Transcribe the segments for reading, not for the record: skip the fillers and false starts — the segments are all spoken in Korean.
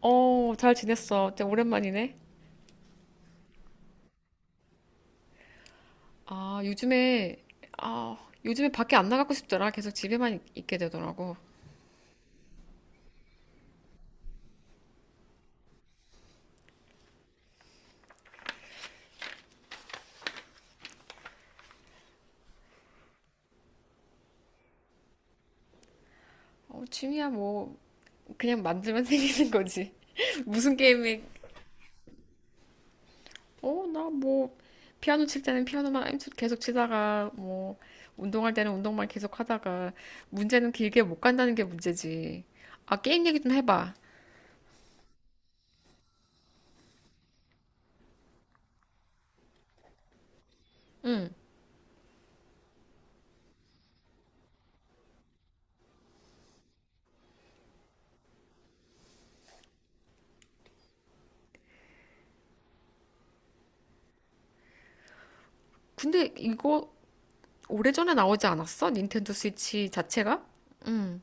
어, 잘 지냈어. 진짜 오랜만이네. 아, 요즘에, 아, 요즘에 밖에 안 나가고 싶더라. 계속 집에만 있게 되더라고. 어, 취미야, 뭐, 그냥 만들면 생기는 거지. 무슨 게임에, 어, 나 뭐, 피아노 칠 때는 피아노만 계속 치다가, 뭐, 운동할 때는 운동만 계속 하다가, 문제는 길게 못 간다는 게 문제지. 아, 게임 얘기 좀 해봐. 근데 이거 오래전에 나오지 않았어? 닌텐도 스위치 자체가? 응.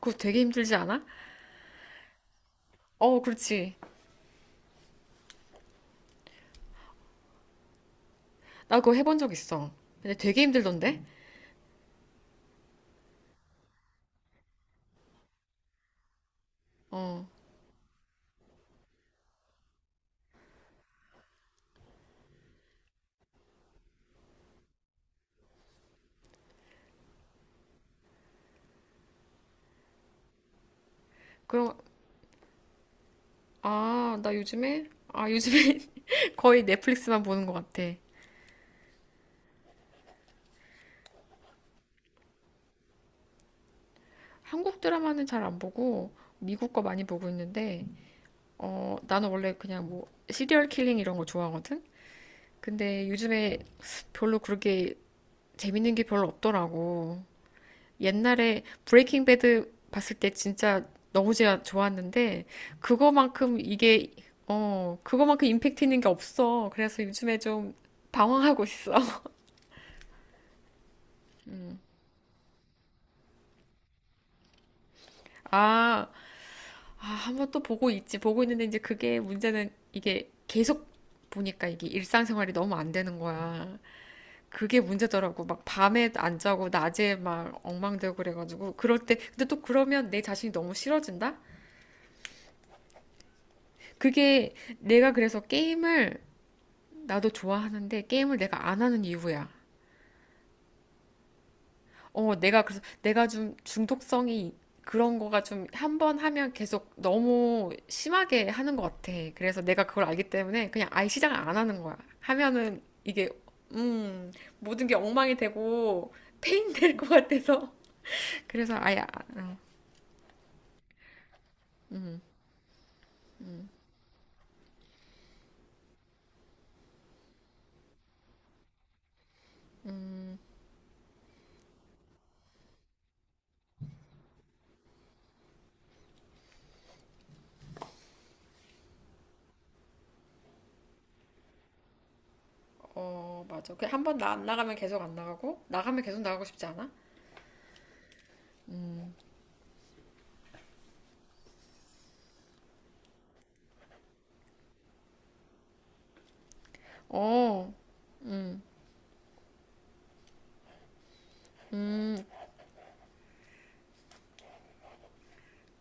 그거 되게 힘들지 않아? 어, 그렇지. 나 그거 해본 적 있어. 근데 되게 힘들던데? 어. 그럼, 요즘에 거의 넷플릭스만 보는 것 같아. 한국 드라마는 잘 안 보고, 미국 거 많이 보고 있는데, 어, 나는 원래 그냥 뭐, 시리얼 킬링 이런 거 좋아하거든? 근데 요즘에 별로 그렇게 재밌는 게 별로 없더라고. 옛날에 브레이킹 배드 봤을 때 진짜 너무 제 좋았는데 그거만큼 이게 어 그거만큼 임팩트 있는 게 없어. 그래서 요즘에 좀 방황하고 있어. 아, 한번 또 보고 있지. 보고 있는데 이제 그게 문제는 이게 계속 보니까 이게 일상생활이 너무 안 되는 거야. 그게 문제더라고. 막 밤에 안 자고 낮에 막 엉망되고 그래가지고 그럴 때 근데 또 그러면 내 자신이 너무 싫어진다? 그게 내가 그래서 게임을 나도 좋아하는데 게임을 내가 안 하는 이유야. 어, 내가 그래서 내가 좀 중독성이 그런 거가 좀 한 번 하면 계속 너무 심하게 하는 것 같아. 그래서 내가 그걸 알기 때문에 그냥 아예 시작을 안 하는 거야. 하면은 이게 음, 모든 게 엉망이 되고 페인 될 것 같아서. 그래서 아예 안, 어, 어, 맞아. 그 한 번 나 안 나가면 계속 안 나가고 나가면 계속 나가고 싶지 않아? 어.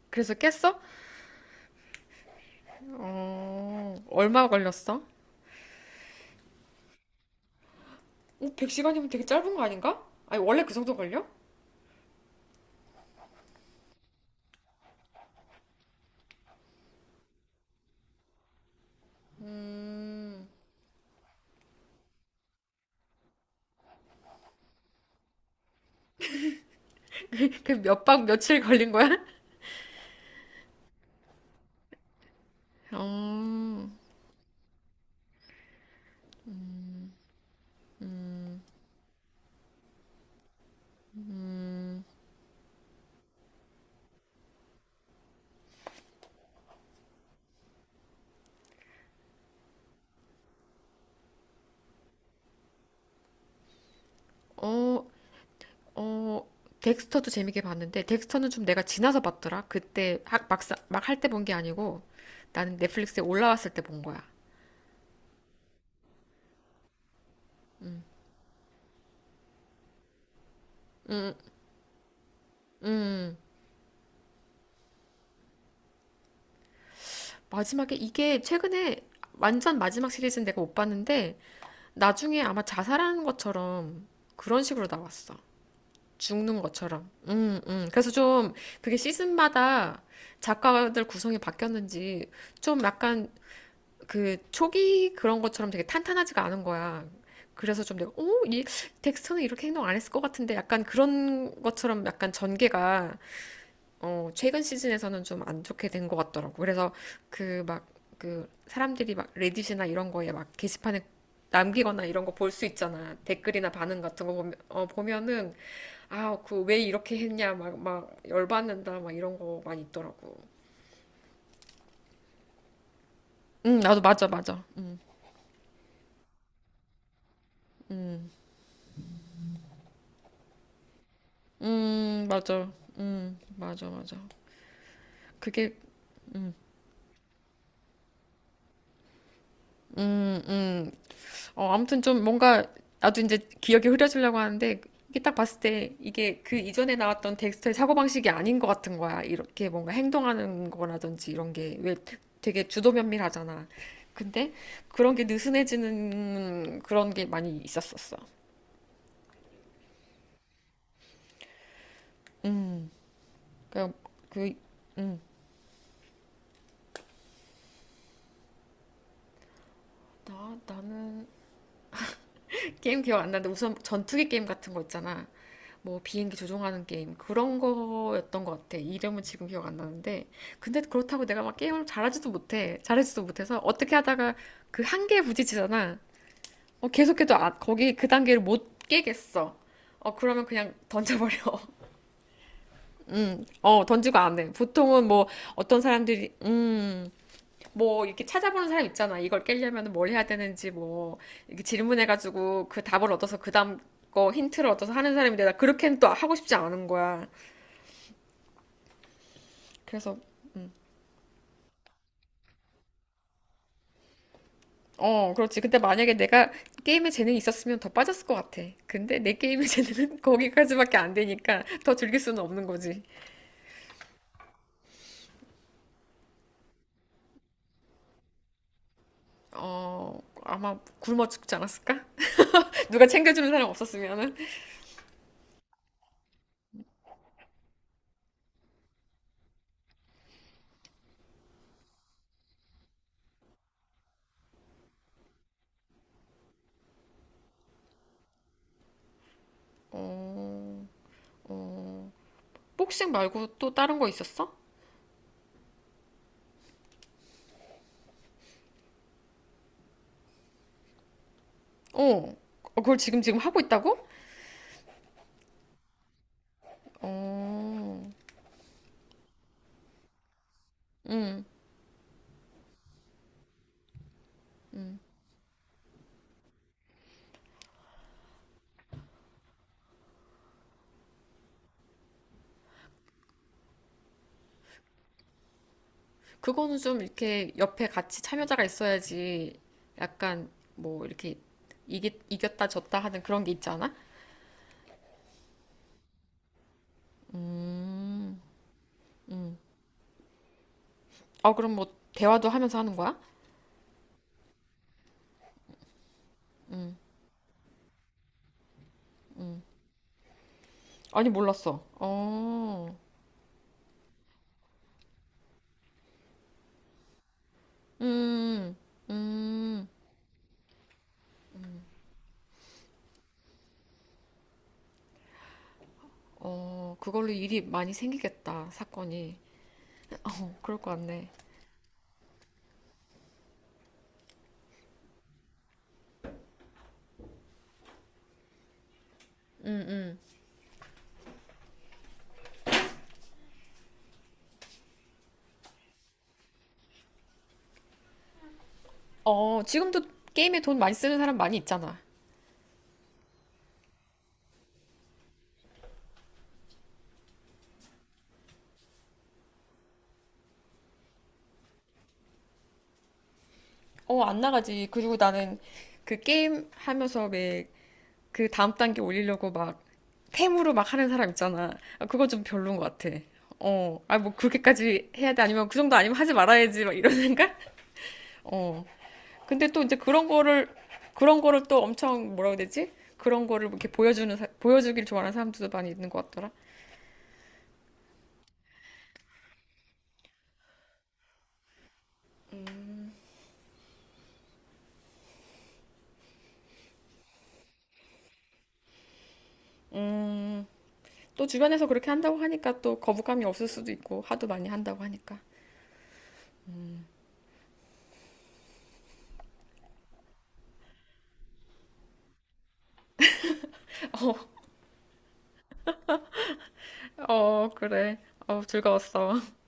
그래서 깼어? 어, 얼마 걸렸어? 어, 100시간이면 되게 짧은 거 아닌가? 아니, 원래 그 정도 걸려? 음, 그 몇 박 며칠 걸린 거야? 어, 어, 어, 덱스터도 재밌게 봤는데, 덱스터는 좀 내가 지나서 봤더라. 그때 막상, 막 할 때 본 게 아니고, 나는 넷플릭스에 올라왔을 때 본 거야. 마지막에 이게 최근에 완전 마지막 시리즈는 내가 못 봤는데, 나중에 아마 자살하는 것처럼 그런 식으로 나왔어. 죽는 것처럼. 그래서 좀 그게 시즌마다 작가들 구성이 바뀌었는지 좀 약간 그 초기 그런 것처럼 되게 탄탄하지가 않은 거야. 그래서 좀 내가, 오, 이 텍스트는 이렇게 행동 안 했을 것 같은데 약간 그런 것처럼 약간 전개가 최근 시즌에서는 좀 안 좋게 된 것 같더라고. 그래서 그 막, 그 사람들이 막 레딧이나 이런 거에 막 게시판에 남기거나 이런 거 볼 수 있잖아. 댓글이나 반응 같은 거 보면은, 아, 그 왜 이렇게 했냐, 막, 막 열받는다, 막 이런 거 많이 있더라고. 응, 나도 맞아, 맞아. 맞아. 맞아, 맞아. 그게, 음, 음. 어, 아무튼 좀 뭔가 나도 이제 기억이 흐려지려고 하는데 이게 딱 봤을 때 이게 그 이전에 나왔던 덱스터의 사고방식이 아닌 것 같은 거야. 이렇게 뭔가 행동하는 거라든지 이런 게 왜 되게 주도면밀하잖아. 근데 그런 게 느슨해지는 그런 게 많이 있었었어. 그러니까 그, 나는 게임 기억 안 나는데 우선 전투기 게임 같은 거 있잖아. 뭐 비행기 조종하는 게임 그런 거였던 것 같아. 이름은 지금 기억 안 나는데 근데 그렇다고 내가 막 게임을 잘하지도 못해. 잘하지도 못해서 어떻게 하다가 그 한계에 부딪히잖아. 어, 계속해도 거기 그 단계를 못 깨겠어. 어, 그러면 그냥 던져버려. 던지고 안 해. 보통은 뭐 어떤 사람들이, 뭐 이렇게 찾아보는 사람 있잖아. 이걸 깨려면 뭘 해야 되는지 뭐 이렇게 질문해가지고 그 답을 얻어서 그 다음 거 힌트를 얻어서 하는 사람인데 나 그렇게는 또 하고 싶지 않은 거야. 그래서 그렇지. 근데 만약에 내가 게임에 재능이 있었으면 더 빠졌을 것 같아. 근데 내 게임의 재능은 거기까지밖에 안 되니까 더 즐길 수는 없는 거지. 아마 굶어 죽지 않았을까? 누가 챙겨주는 사람 없었으면은. 어, 어 복싱 말고 또 다른 거 있었어? 어, 어, 그걸 지금 하고 있다고? 어, 그거는 좀 이렇게 옆에 같이 참여자가 있어야지 약간 뭐 이렇게 이겼다 졌다 하는 그런 게 있지 않아? 음. 아, 그럼 뭐 대화도 하면서 하는 거야? 아니, 몰랐어. 어, 음, 음, 그걸로 일이 많이 생기겠다, 사건이. 어, 그럴 것 같네. 어, 지금도 게임에 돈 많이 쓰는 사람 많이 있잖아. 어, 안 나가지. 그리고 나는 그 게임 하면서 왜 그 다음 단계 올리려고 막 템으로 막 하는 사람 있잖아. 아, 그거 좀 별론 것 같아. 뭐 그렇게까지 해야 돼? 아니면 그 정도 아니면 하지 말아야지. 막 이런 생각? 어. 근데 또 이제 그런 거를 또 엄청 뭐라고 해야 되지? 그런 거를 뭐 이렇게 보여주길 좋아하는 사람들도 많이 있는 것 같더라. 음, 또 주변에서 그렇게 한다고 하니까 또 거부감이 없을 수도 있고, 하도 많이 한다고 하니까. 어, 어, 그래. 어, 즐거웠어.